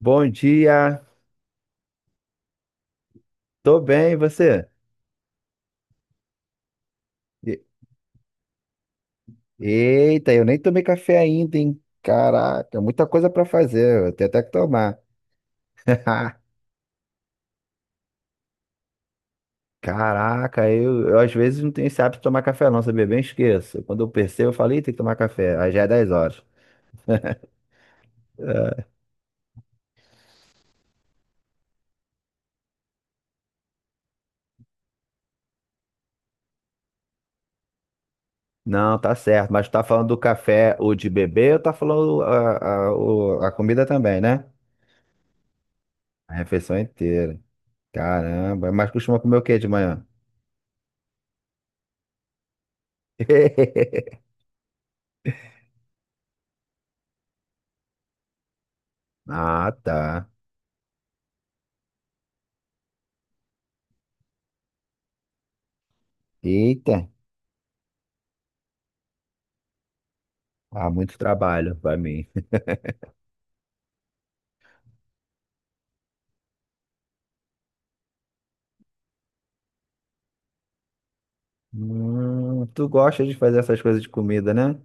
Bom dia, tô bem, e você? E- Eita, eu nem tomei café ainda, hein? Caraca, muita coisa pra fazer, eu tenho até que tomar. Caraca, eu às vezes não tenho esse hábito de tomar café não, sabia? Bem esqueço. Quando eu percebo, eu falei, tem que tomar café, aí já é 10 horas. Não, tá certo, mas tu tá falando do café, o de beber, ou tá falando a comida também, né? A refeição inteira. Caramba, mas costuma comer o quê de manhã? Ah, tá. Eita. Ah, muito trabalho pra mim. Tu gosta de fazer essas coisas de comida, né?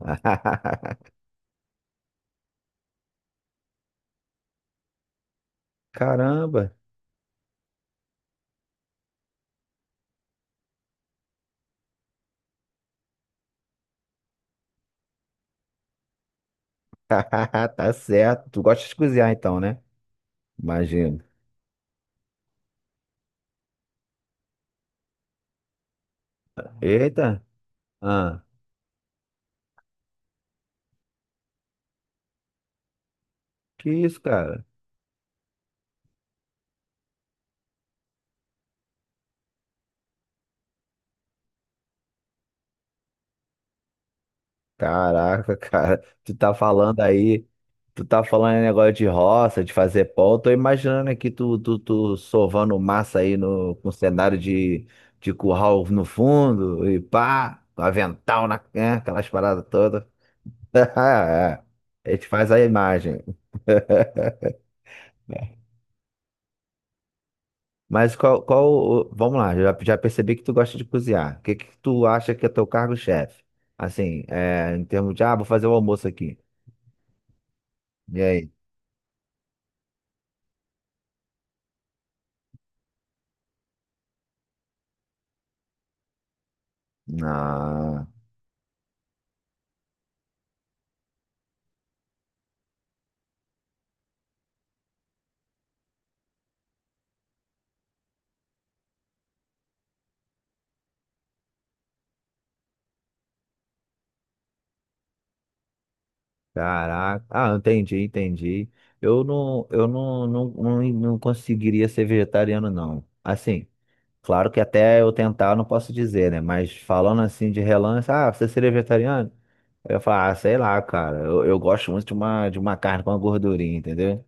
Caramba. Tá certo. Tu gosta de cozinhar então, né? Imagino. Eita. Ah, que isso, cara? Caraca, cara. Tu tá falando em negócio de roça, de fazer pão. Eu tô imaginando aqui tu sovando massa aí no, com cenário de curral no fundo e pá, com avental na, né, aquelas paradas todas. A gente faz a imagem. Né? Mas vamos lá, já percebi que tu gosta de cozinhar. O que que tu acha que é teu cargo-chefe? Assim, é, em termos de, ah, vou fazer o almoço aqui. E aí? Ah, caraca. Ah, entendi, entendi. Eu não conseguiria ser vegetariano, não. Assim, claro que até eu tentar eu não posso dizer, né? Mas falando assim de relance, ah, você seria vegetariano? Eu ia falar, ah, sei lá, cara. Eu gosto muito de uma carne com uma gordurinha, entendeu?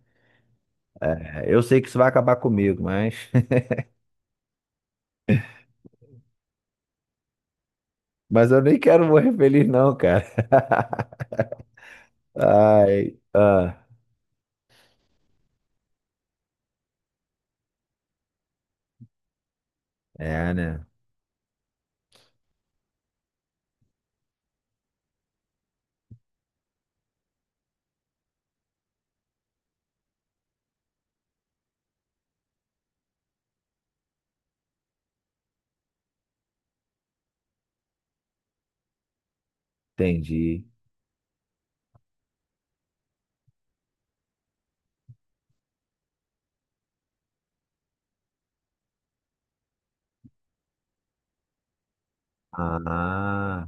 É, eu sei que isso vai acabar comigo, mas. Mas eu nem quero morrer feliz, não, cara. Ai. Ah, é, né? Entendi. Ah,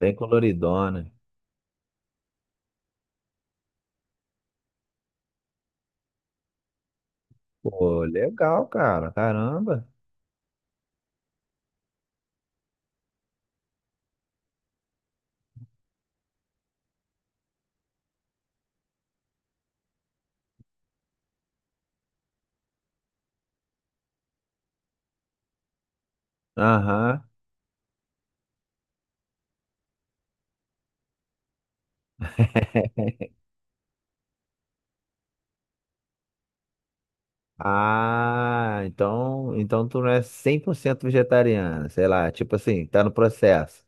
bem coloridona. Pô, legal, cara. Caramba. Aham. Ah, então tu não é 100% vegetariana, sei lá, tipo assim, tá no processo.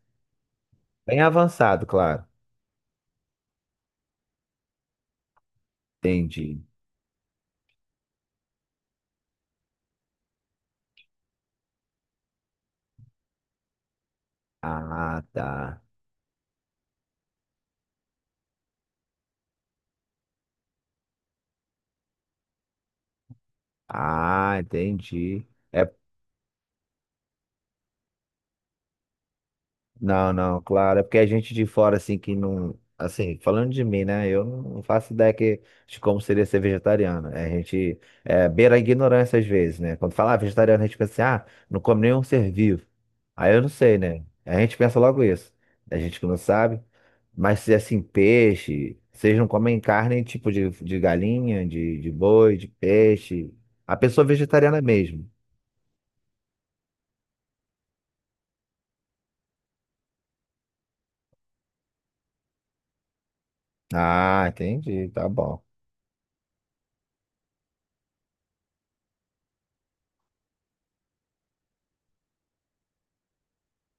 Bem avançado, claro. Entendi. Ah, tá. Ah, entendi. É, não, não, claro. É porque a gente de fora, assim, que não. Assim, falando de mim, né? Eu não faço ideia que, de como seria ser vegetariano. É, a gente é, beira a ignorância às vezes, né? Quando fala ah, vegetariano, a gente pensa assim, ah, não come nenhum ser vivo. Aí eu não sei, né? A gente pensa logo isso. A gente que não sabe. Mas se é, assim, peixe, vocês não comem carne tipo de galinha, de boi, de peixe. A pessoa vegetariana mesmo. Ah, entendi, tá bom.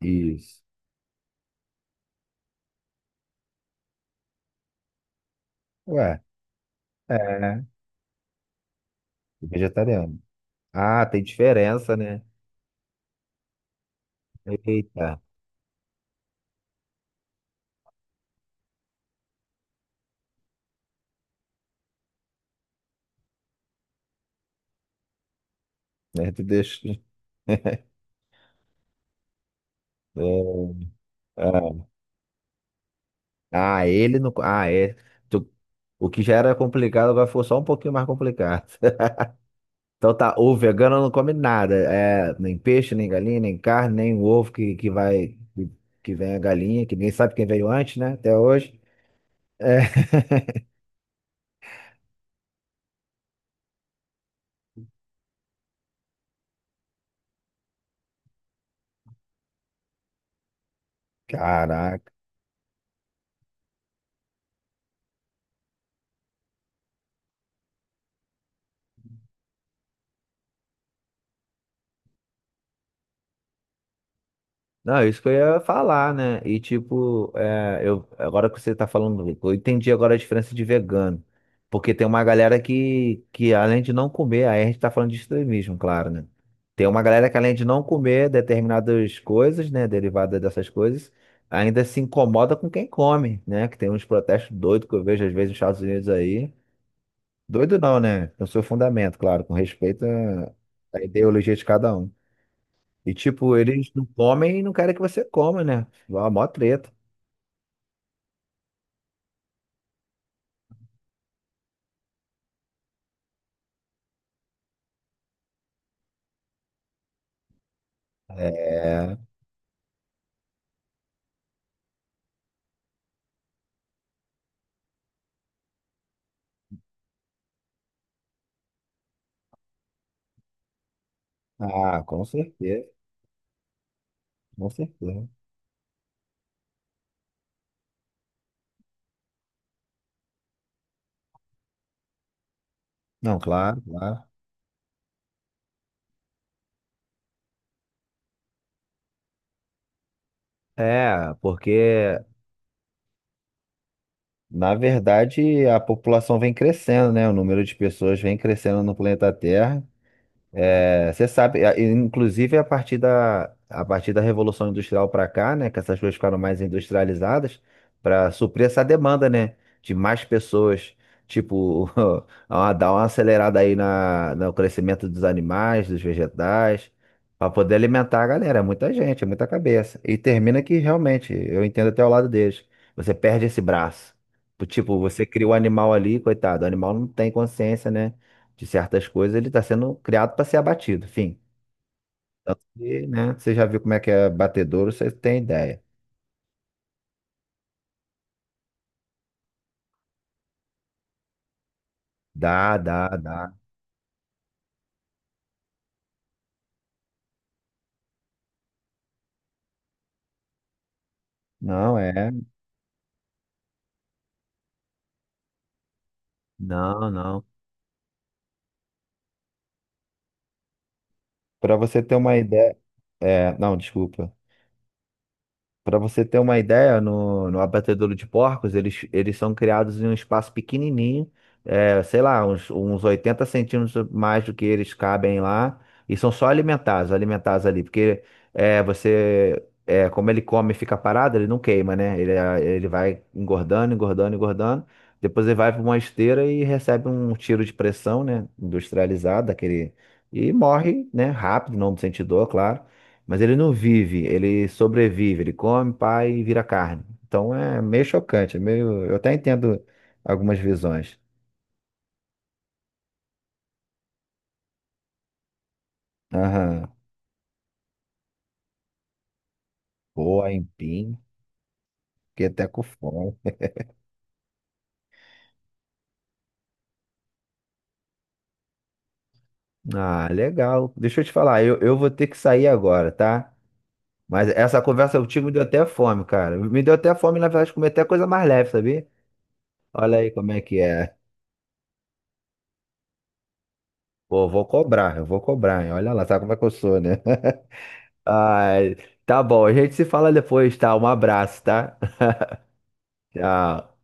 Isso. Ué, é vegetariano. Ah, tem diferença, né? Eita, né? Tu deixa. É, Ah, ah, ele não. Ah, é. Tu- O que já era complicado agora ficou só um pouquinho mais complicado. Então tá, o vegano não come nada. É, nem peixe, nem galinha, nem carne, nem ovo que vai. Que vem a galinha, que ninguém sabe quem veio antes, né? Até hoje. É. Caraca. Não, isso que eu ia falar, né? E tipo, é, eu, agora que você tá falando, eu entendi agora a diferença de vegano. Porque tem uma galera que além de não comer, aí a gente tá falando de extremismo, claro, né? Tem uma galera que além de não comer determinadas coisas, né, derivadas dessas coisas, ainda se incomoda com quem come, né? Que tem uns protestos doidos que eu vejo às vezes nos Estados Unidos aí. Doido não, né? No seu fundamento, claro, com respeito à ideologia de cada um. E tipo, eles não comem e não querem que você coma, né? Mó mó treta. É. Ah, com certeza. Com certeza. Não, claro, claro. É, porque na verdade a população vem crescendo, né? O número de pessoas vem crescendo no planeta Terra. É, você sabe, inclusive a partir da Revolução Industrial para cá, né, que essas coisas ficaram mais industrializadas, para suprir essa demanda, né, de mais pessoas, tipo, dar uma acelerada aí na, no crescimento dos animais, dos vegetais, para poder alimentar a galera. É muita gente, é muita cabeça. E termina que realmente, eu entendo até o lado deles, você perde esse braço. Tipo, você cria o animal ali, coitado, o animal não tem consciência, né? De certas coisas, ele está sendo criado para ser abatido. Enfim. Tanto que, né, você já viu como é que é batedouro, você tem ideia. Dá, dá, dá. Não é. Não, não. Para você ter uma ideia. É, não, desculpa. Para você ter uma ideia, no abatedouro de porcos, eles são criados em um espaço pequenininho, é, sei lá, uns, uns 80 centímetros mais do que eles cabem lá, e são só alimentados ali, porque é, você, é, como ele come e fica parado, ele não queima, né? Ele vai engordando, engordando, engordando, depois ele vai para uma esteira e recebe um tiro de pressão, né? Industrializado, daquele, e morre, né? Rápido, não sente dor, claro. Mas ele não vive, ele sobrevive, ele come, pai e vira carne. Então é meio chocante, é meio. Eu até entendo algumas visões. Aham. Pô, empim, fiquei até com fome. Ah, legal. Deixa eu te falar, eu vou ter que sair agora, tá? Mas essa conversa contigo me deu até fome, cara. Me deu até fome, na verdade, comer até coisa mais leve, sabia? Olha aí como é que é. Pô, vou cobrar, eu vou cobrar, hein? Olha lá, sabe como é que eu sou, né? Ai, tá bom, a gente se fala depois, tá? Um abraço, tá? Tchau.